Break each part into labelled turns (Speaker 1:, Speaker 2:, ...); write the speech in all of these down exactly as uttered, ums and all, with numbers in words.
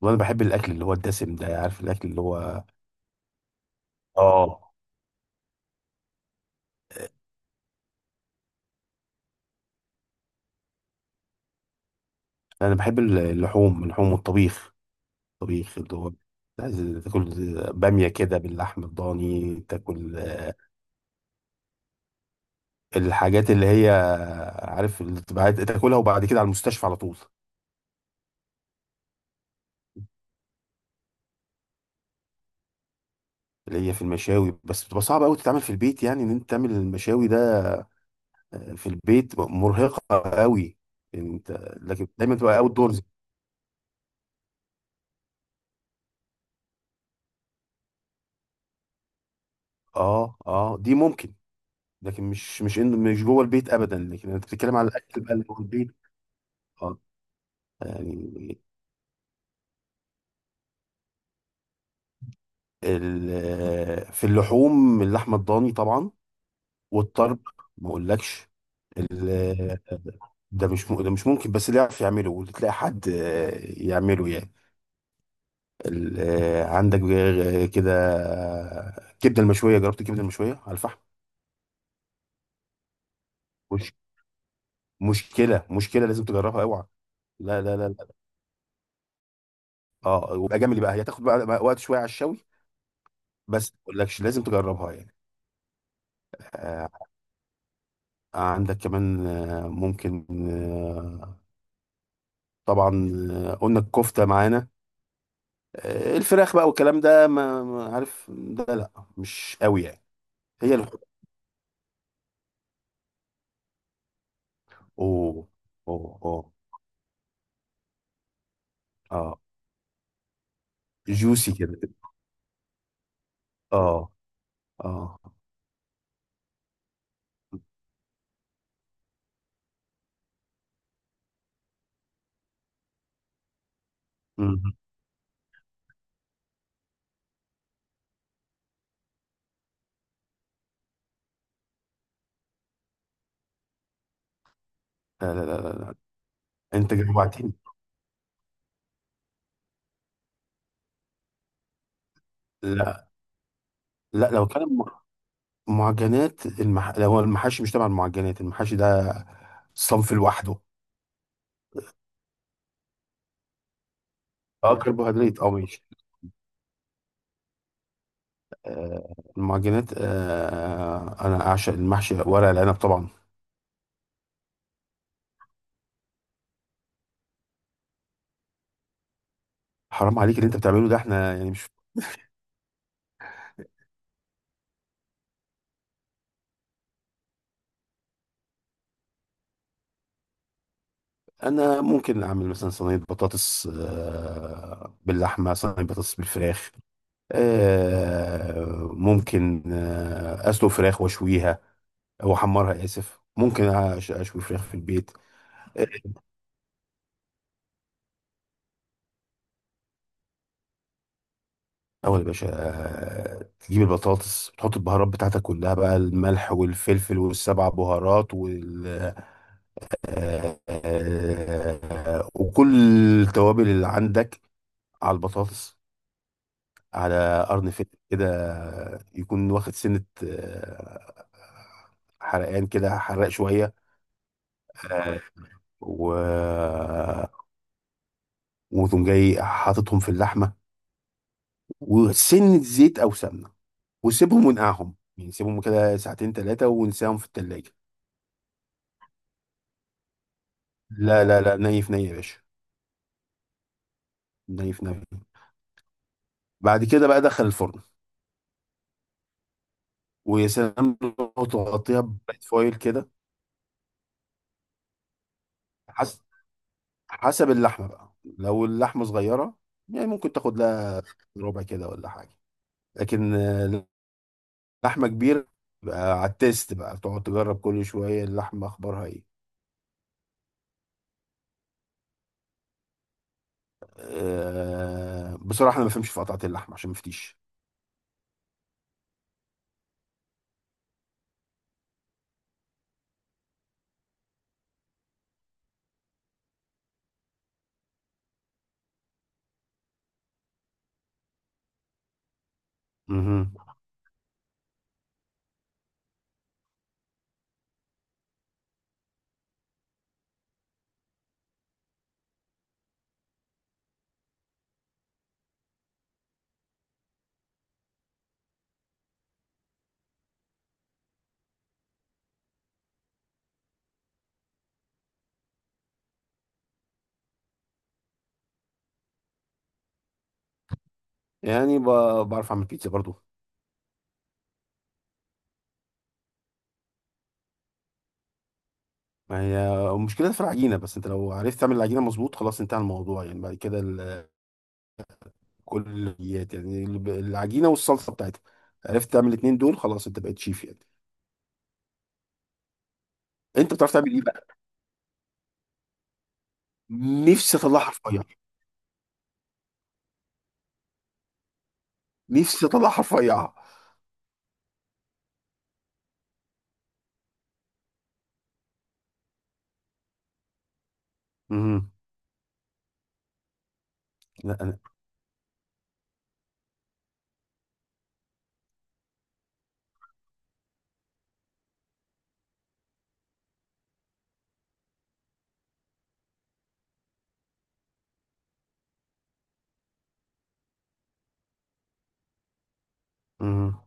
Speaker 1: وانا بحب الاكل اللي هو الدسم ده. عارف الاكل اللي هو، اه انا بحب اللحوم اللحوم والطبيخ. الطبيخ اللي هو عايز تاكل باميه كده باللحم الضاني، تاكل الحاجات اللي هي، عارف، اللي بتبقى تاكلها، وبعد كده على المستشفى على طول. اللي هي في المشاوي، بس بتبقى صعبه قوي تتعمل في البيت، يعني ان انت تعمل المشاوي ده في البيت مرهقه قوي انت. لكن دايما تبقى اوت دورز. اه اه، دي ممكن. لكن مش مش إن- مش جوه البيت ابدا، لكن انت بتتكلم على الاكل بقى اللي جوه البيت. آه، يعني، ال- في اللحوم، اللحمه الضاني طبعا. والطرب، ما اقولكش. ال- ده مش م- ده مش ممكن، بس اللي يعرف يعمله وتلاقي حد، آه، يعمله يعني. ال- آه، عندك غير كده. آه، كبده المشويه، جربت الكبده المشويه على الفحم؟ مش مشكله مشكله، لازم تجربها، اوعى. لا لا لا لا. اه، وبقى جميل بقى، هي هتاخد بقى وقت شويه على الشوي. بس ما اقولكش لازم تجربها يعني. آه، عندك كمان، آه، ممكن آه، طبعا، آه، قلنا الكفتة معانا. آه، الفراخ بقى والكلام ده، ما ما عارف ده، لا، مش قوي يعني. هي اللحوم. اوه اوه اوه. اه، جوسي كده. اه اه. مم. لا لا لا لا لا. انت جوعتني. لا لا، لو كان م- معجنات المح... لو هو المحاشي مش تبع المعجنات، المحاشي ده صنف لوحده. اه، كربوهيدرات، اه، ماشي. آه، المعجنات، آه، انا اعشق المحشي ورق العنب طبعا. حرام عليك اللي انت بتعمله ده، احنا يعني مش... انا ممكن اعمل مثلا صينيه بطاطس، آه، باللحمه، صينيه بطاطس بالفراخ. آه، ممكن آه، اسلق فراخ واشويها، او احمرها. اسف، ممكن أش- اشوي فراخ في البيت. آه، اول يا باشا، آه، تجيب البطاطس، تحط البهارات بتاعتك كلها بقى، الملح والفلفل والسبع بهارات وال آه، آه، وكل التوابل اللي عندك على البطاطس. على قرن فيلم كده، يكون واخد سنة، آه، حرقان كده، حرق شوية. آه، و وتقوم جاي حاططهم في اللحمة، وسنة زيت أو سمنة، وسيبهم ونقعهم، يعني سيبهم كده ساعتين ثلاثة، ونسيهم في التلاجة. لا لا لا، ني في ني يا باشا. ني في ني. بعد كده بقى دخل الفرن. ويا سلام لو تغطيها ببيت فويل كده. حسب حسب اللحمة بقى، لو اللحمة صغيرة يعني، ممكن تاخد لها ربع كده ولا حاجة. لكن آه، لحمة كبيرة بقى، على التيست بقى، تقعد تجرب كل شوية، اللحمة أخبارها إيه. أه، بصراحة أنا ما بفهمش في قطعة اللحمة عشان ما افتيش. مهم. يعني ب- بعرف أعمل بيتزا برضو. ما هي المشكلة في العجينة بس، أنت لو عرفت تعمل العجينة مظبوط، خلاص انتهى الموضوع، يعني بعد كده ال- كل الحلويات، يعني الب- العجينة والصلصة بتاعتها، عرفت تعمل الاتنين دول، خلاص أنت بقيت شيف يعني. أنت بتعرف تعمل إيه بقى؟ نفسي اطلعها رفيع. نفسي اطلعها رفيعة. امم. لا. انا امم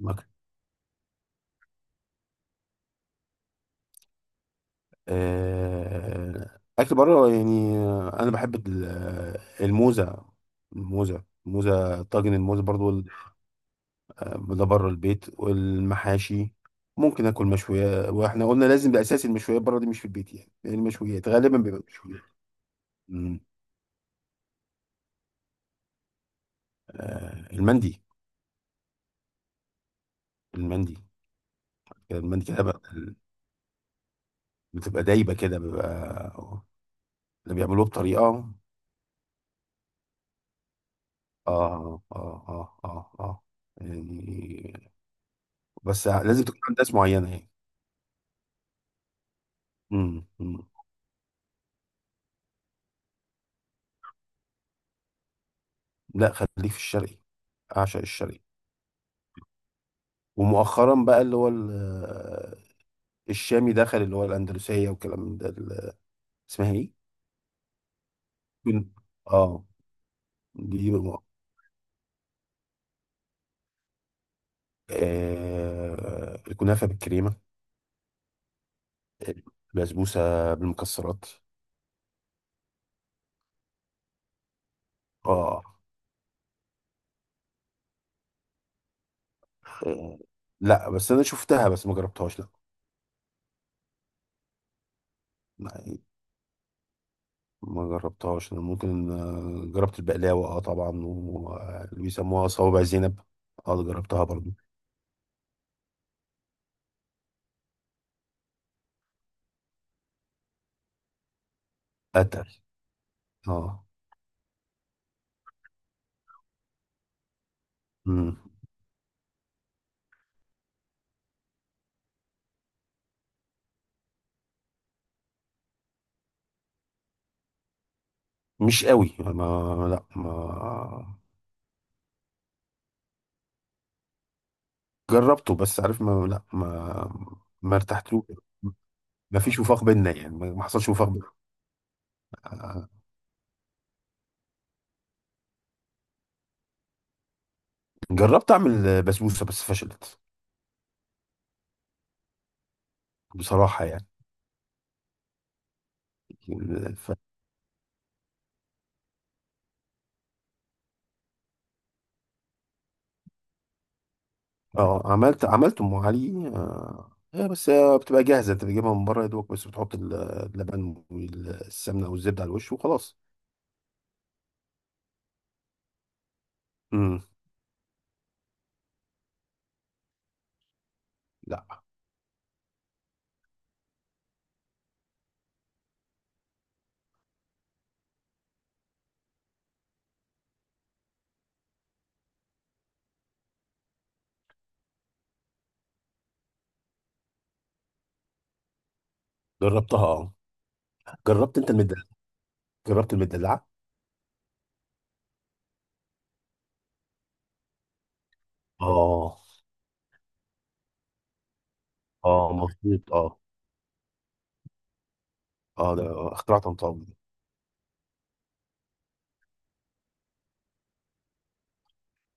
Speaker 1: مك... آه... اكل بره، يعني، آه، انا بحب ال- آه، الموزه. الموزه الموزه طاجن الموزه برضو، ال- آه، ده بره البيت، والمحاشي. ممكن اكل مشويات، واحنا قلنا لازم ده اساس المشويات بره، دي مش في البيت يعني، لأن المشويات غالبا بيبقى مشويات. امم. آه... المندي. المندي كده المندي كده بقى. بتبقى دايبه كده، بيبقى اللي بيعملوه بطريقه، اه اه اه اه اه، يعني، بس لازم تكون عند ناس معينة يعني. امم أمم. لا، خليك في الشرقي. اعشق الشرقي. ومؤخرا بقى اللي هو ال- آه، الشامي، دخل اللي هو الاندلسية، وكلام من ده، ال- اسمها ايه؟ كن- اه. دي مؤ- آه، الكنافة بالكريمة، البسبوسة بالمكسرات. اه. آه، لا بس انا شفتها بس ما جربتهاش. لا، ما جربتهاش. انا ممكن، آه، جربت البقلاوه، اه طبعا، وبيسموها صوابع زينب. اه جربتها برضو. اتقل. اه. مم. مش قوي، ما، لا، ما، جربته بس عارف، ما، لا، ما ما ارتحتلوش. ما فيش وفاق بينا يعني، ما ما حصلش وفاق بينا. آه. جربت اعمل بسبوسه بس فشلت. بصراحه يعني. ف... اه، عملت عملت ام علي. آه، إيه بس، آه، بتبقى جاهزة، انت بتجيبها من بره يا دوبك، بس بتحط ال- اللبن والسمنة او الزبدة على الوش وخلاص. امم. لا. جربتها اه. جربت انت المدلعة. جربت المدلعة. اه. اه مظبوط اه. اه، ده اختراع طنطاوي.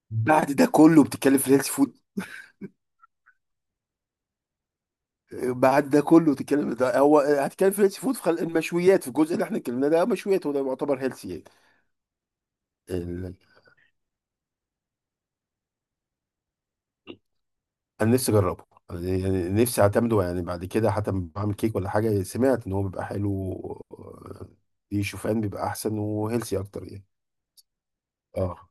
Speaker 1: بعد ده كله بتتكلم في الهيلث فود؟ آه، بعد ده كله بتتكلم، ده هو هتتكلم في الهيلث فود، في خل- المشويات في الجزء اللي احنا اتكلمنا ده، مشويات، وده يعتبر هيلثي. يعني انا نفسي اجربه. أنا يعني نفسي اعتمده، يعني بعد كده حتى لما بعمل كيك ولا حاجه، سمعت ان هو بيبقى حلو، آه، دي شوفان بيبقى احسن وهيلسي اكتر يعني. اه.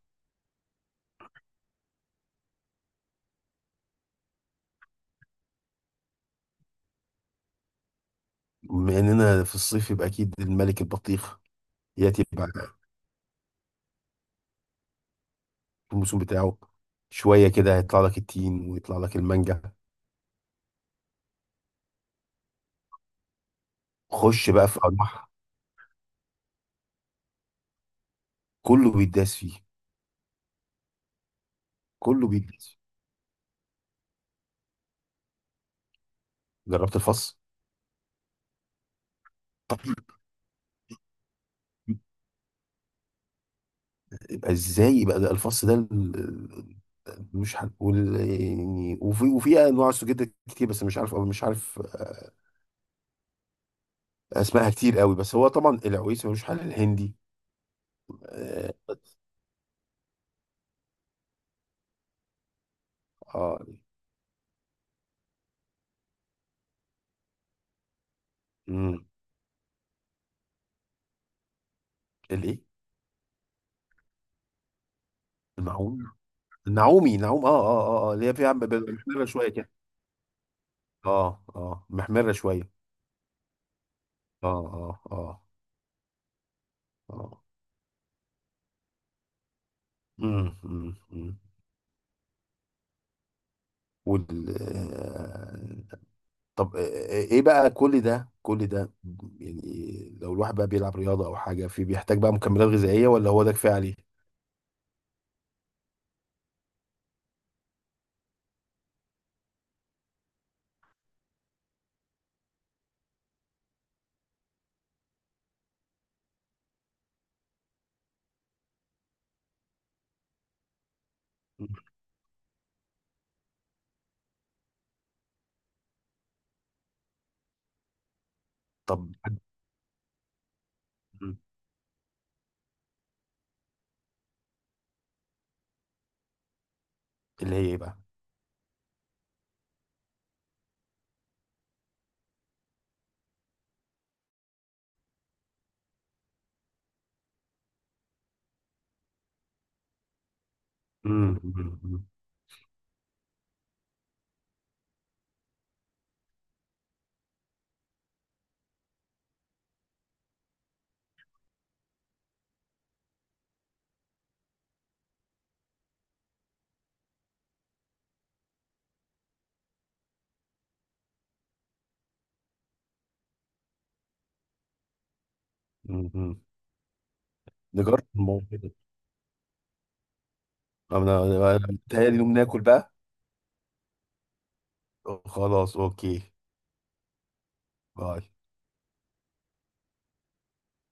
Speaker 1: بما اننا في الصيف، يبقى اكيد الملك البطيخ. ياتي بقى في الموسم بتاعه. شويه كده هيطلع لك التين، ويطلع لك المانجا. خش بقى في انواع. كله بيداس فيه. كله بيداس فيه. جربت الفص. يبقى ازاي، يبقى ده الفص ده، ال- ال- مش هنقول يعني. وفي وفي انواع سجاد كتير، بس مش عارف، او مش عارف آه، اسمائها كتير قوي، بس هو طبعا العويس ملوش حل الهندي. اه، آه. مم. الايه؟ المعوم. النعومي، نعوم. اه اه اه، آه، اللي هي فيها ب- ب- محمره شويه كده. اه اه، محمره شويه. اه اه اه. اه. مم، مم، مم. وال آه، طب ايه بقى، كل ده كل ده يعني، لو الواحد بقى بيلعب رياضة او حاجة، في بيحتاج بقى مكملات غذائية، ولا هو ده كفاية عليه؟ طب اللي هي ايه بقى؟ مم. مم. مم. نجرب الموضوع ده. انا أنا- أنا متهيألي نقوم ناكل بقى. خلاص اوكي. باي.